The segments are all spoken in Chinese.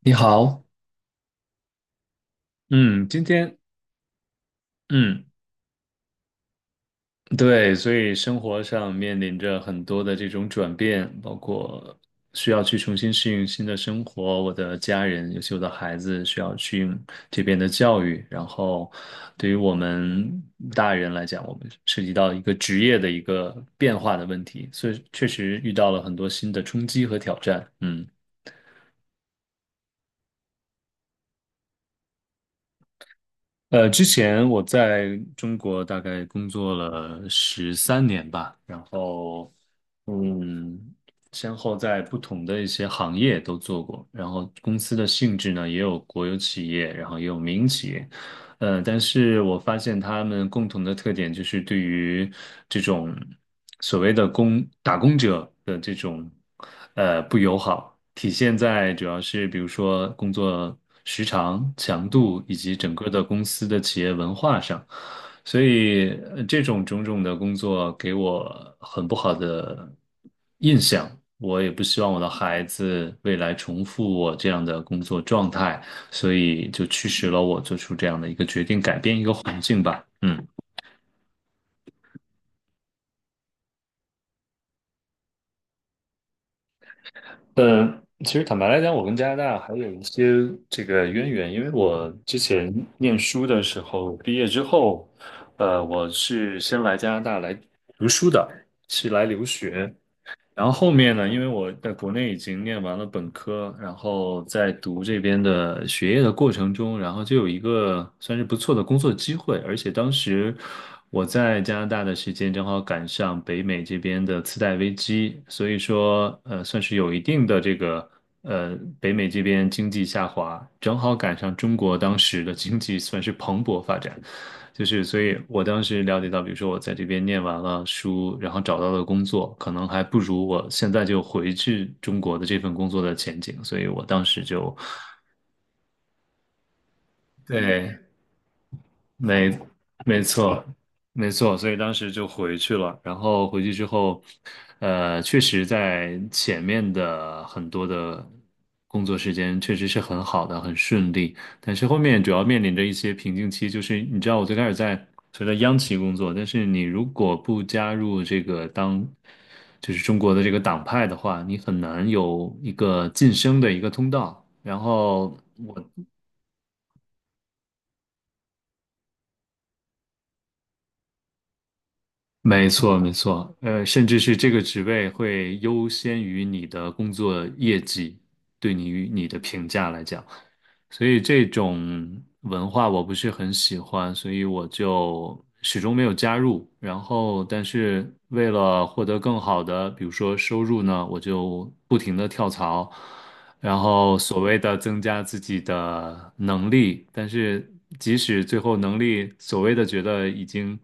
你好，嗯，今天，嗯，对，所以生活上面临着很多的这种转变，包括需要去重新适应新的生活，我的家人，尤其我的孩子需要适应这边的教育，然后对于我们大人来讲，我们涉及到一个职业的一个变化的问题，所以确实遇到了很多新的冲击和挑战。之前我在中国大概工作了13年吧，然后，嗯，先后在不同的一些行业都做过，然后公司的性质呢，也有国有企业，然后也有民营企业，但是我发现他们共同的特点就是对于这种所谓的工打工者的这种不友好，体现在主要是比如说工作时长、强度以及整个的公司的企业文化上。所以这种种种的工作给我很不好的印象，我也不希望我的孩子未来重复我这样的工作状态。所以就驱使了我做出这样的一个决定，改变一个环境吧。嗯嗯，其实坦白来讲，我跟加拿大还有一些这个渊源，因为我之前念书的时候，毕业之后，我是先来加拿大来读书的，是来留学。然后后面呢，因为我在国内已经念完了本科，然后在读这边的学业的过程中，然后就有一个算是不错的工作机会，而且当时我在加拿大的时间正好赶上北美这边的次贷危机，所以说算是有一定的这个北美这边经济下滑，正好赶上中国当时的经济算是蓬勃发展。就是，所以我当时了解到，比如说我在这边念完了书，然后找到了工作，可能还不如我现在就回去中国的这份工作的前景，所以我当时就，对，没没错，没错，所以当时就回去了。然后回去之后，确实在前面的很多的工作时间确实是很好的，很顺利。但是后面主要面临着一些瓶颈期，就是你知道，我最开始在所谓的央企工作，但是你如果不加入这个就是中国的这个党派的话，你很难有一个晋升的一个通道。然后没错，没错，甚至是这个职位会优先于你的工作业绩，对你与你的评价来讲，所以这种文化我不是很喜欢，所以我就始终没有加入。然后，但是为了获得更好的，比如说收入呢，我就不停的跳槽，然后所谓的增加自己的能力，但是即使最后能力所谓的觉得已经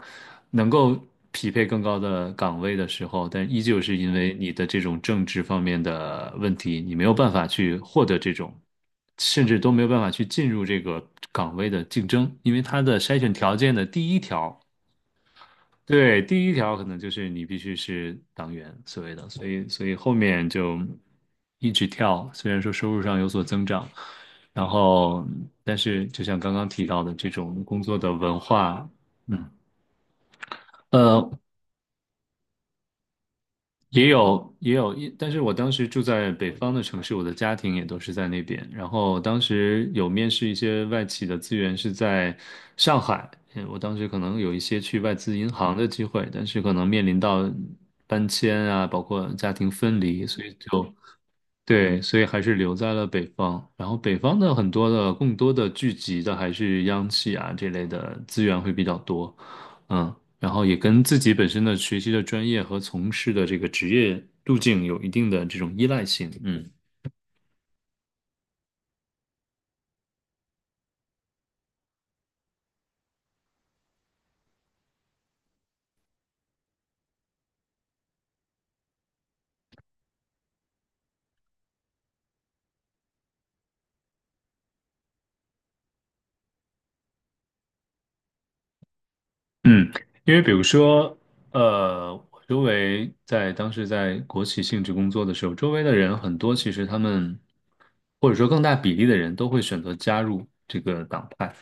能够匹配更高的岗位的时候，但依旧是因为你的这种政治方面的问题，你没有办法去获得这种，甚至都没有办法去进入这个岗位的竞争，因为它的筛选条件的第一条对，第一条可能就是你必须是党员所谓的，所以后面就一直跳，虽然说收入上有所增长，然后但是就像刚刚提到的这种工作的文化，嗯。呃，也有也有，但是我当时住在北方的城市，我的家庭也都是在那边。然后当时有面试一些外企的资源是在上海，我当时可能有一些去外资银行的机会，但是可能面临到搬迁啊，包括家庭分离，所以就对，所以还是留在了北方。然后北方的很多的更多的聚集的还是央企啊这类的资源会比较多，嗯，然后也跟自己本身的学习的专业和从事的这个职业路径有一定的这种依赖性嗯，因为比如说，我周围在当时在国企性质工作的时候，周围的人很多，其实他们或者说更大比例的人都会选择加入这个党派。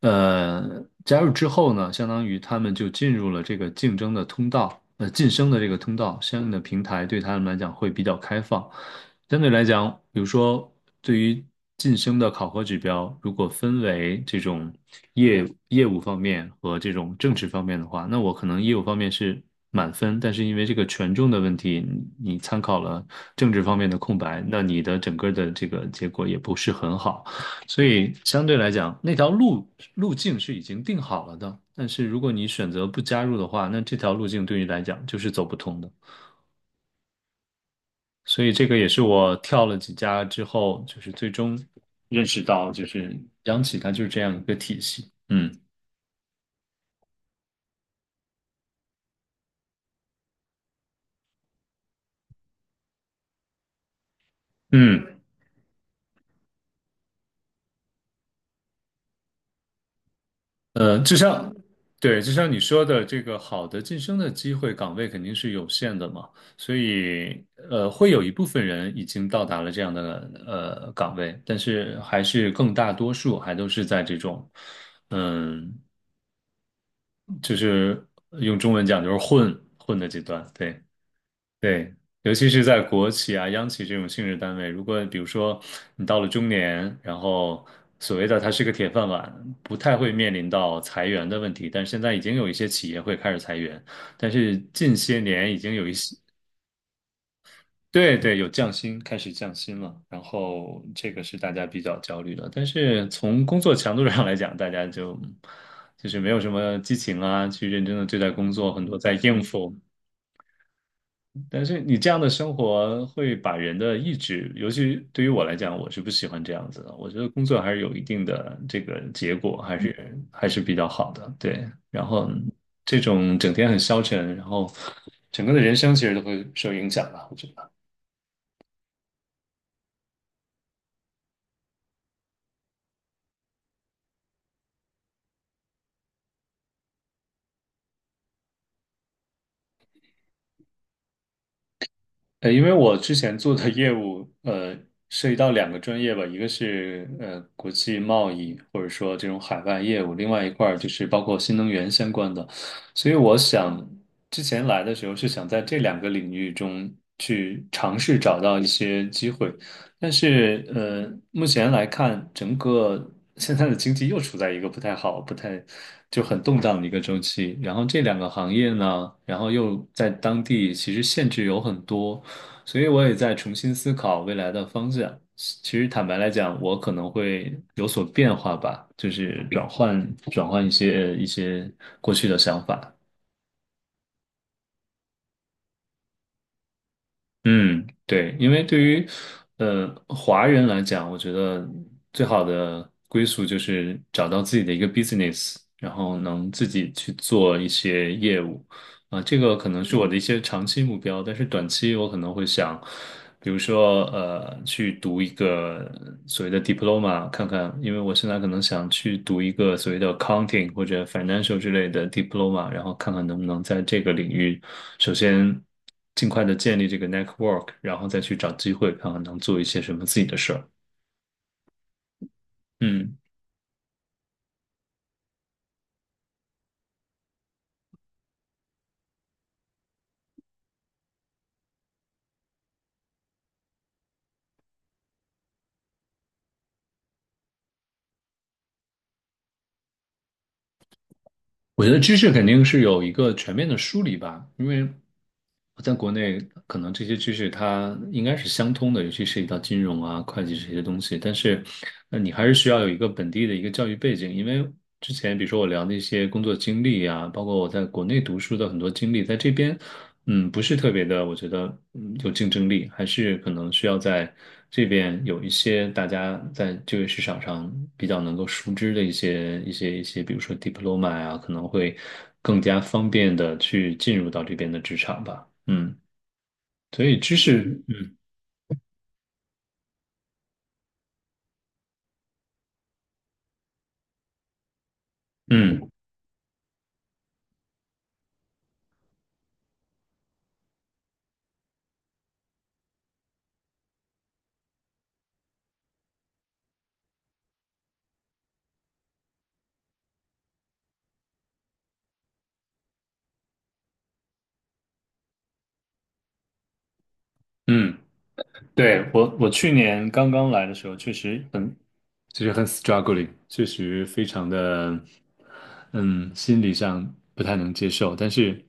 加入之后呢，相当于他们就进入了这个竞争的通道，晋升的这个通道，相应的平台对他们来讲会比较开放。相对来讲，比如说对于晋升的考核指标，如果分为这种业业务方面和这种政治方面的话，那我可能业务方面是满分，但是因为这个权重的问题，你参考了政治方面的空白，那你的整个的这个结果也不是很好。所以相对来讲，那条路径是已经定好了的。但是如果你选择不加入的话，那这条路径对你来讲就是走不通的。所以这个也是我跳了几家之后，就是最终认识到，就是央企它就是这样一个体系。嗯嗯。呃，就像，对，就像你说的，这个好的晋升的机会岗位肯定是有限的嘛，所以会有一部分人已经到达了这样的岗位，但是还是更大多数还都是在这种，嗯，就是用中文讲就是混混的阶段，对。对，尤其是在国企啊、央企这种性质单位，如果比如说你到了中年，然后所谓的它是个铁饭碗，不太会面临到裁员的问题。但是现在已经有一些企业会开始裁员，但是近些年已经有一些，对对，有降薪，开始降薪了。然后这个是大家比较焦虑的。但是从工作强度上来讲，大家就是没有什么激情啊，去认真的对待工作，很多在应付。但是你这样的生活会把人的意志，尤其对于我来讲，我是不喜欢这样子的。我觉得工作还是有一定的这个结果，还是比较好的。对，然后这种整天很消沉，然后整个的人生其实都会受影响吧，我觉得。因为我之前做的业务，涉及到两个专业吧，一个是国际贸易，或者说这种海外业务，另外一块儿就是包括新能源相关的，所以我想之前来的时候是想在这两个领域中去尝试找到一些机会，但是目前来看，整个现在的经济又处在一个不太好、不太就很动荡的一个周期。然后这两个行业呢，然后又在当地其实限制有很多，所以我也在重新思考未来的方向。其实坦白来讲，我可能会有所变化吧，就是转换一些过去的想法。嗯，对，因为对于华人来讲，我觉得最好的归宿就是找到自己的一个 business，然后能自己去做一些业务啊，这个可能是我的一些长期目标，但是短期我可能会想，比如说去读一个所谓的 diploma，看看，因为我现在可能想去读一个所谓的 accounting 或者 financial 之类的 diploma，然后看看能不能在这个领域。首先尽快的建立这个 network，然后再去找机会，看看能做一些什么自己的事儿。嗯，我觉得知识肯定是有一个全面的梳理吧，因为我在国内可能这些知识它应该是相通的，尤其涉及到金融啊、会计这些东西。但是，你还是需要有一个本地的一个教育背景，因为之前比如说我聊那些工作经历啊，包括我在国内读书的很多经历，在这边嗯，不是特别的，我觉得有竞争力，还是可能需要在这边有一些大家在这个市场上比较能够熟知的一些，比如说 diploma 啊，可能会更加方便的去进入到这边的职场吧。嗯，所以知识，嗯嗯，对，我去年刚刚来的时候，确实很就是很 struggling，确实非常的，嗯，心理上不太能接受，但是。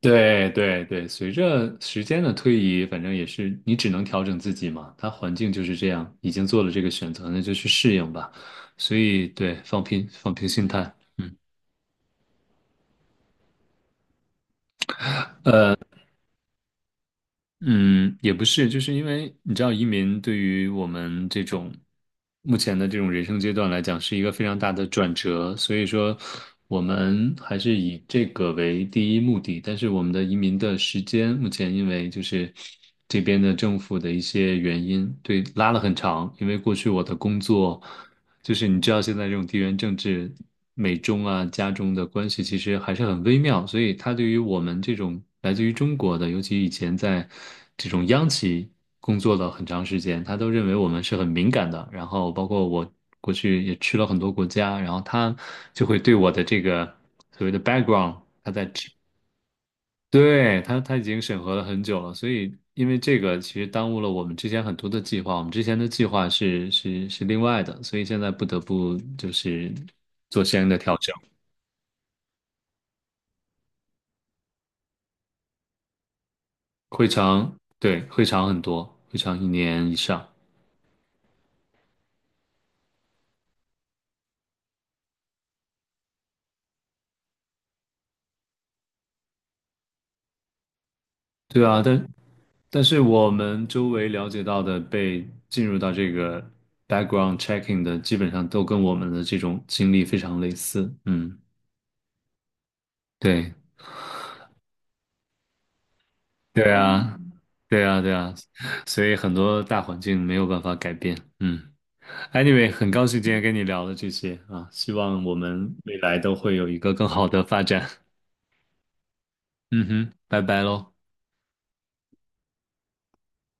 对对对，随着时间的推移，反正也是你只能调整自己嘛。他环境就是这样，已经做了这个选择，那就去适应吧。所以对，放平心态。嗯。嗯，也不是，就是因为你知道，移民对于我们这种目前的这种人生阶段来讲，是一个非常大的转折，所以说我们还是以这个为第一目的。但是我们的移民的时间，目前因为就是这边的政府的一些原因，对，拉了很长。因为过去我的工作。就是你知道现在这种地缘政治，美中啊、加中的关系其实还是很微妙，所以他对于我们这种来自于中国的，尤其以前在这种央企工作了很长时间，他都认为我们是很敏感的。然后包括我过去也去了很多国家，然后他就会对我的这个所谓的 background，他在对，他已经审核了很久了，所以因为这个其实耽误了我们之前很多的计划，我们之前的计划是另外的，所以现在不得不就是做相应的调整，会长，对，会长很多，会长一年以上，对啊，但是我们周围了解到的被进入到这个 background checking 的，基本上都跟我们的这种经历非常类似，嗯，对，对啊。对啊，对啊，所以很多大环境没有办法改变。嗯，anyway，很高兴今天跟你聊了这些啊，希望我们未来都会有一个更好的发展。嗯哼，拜拜喽。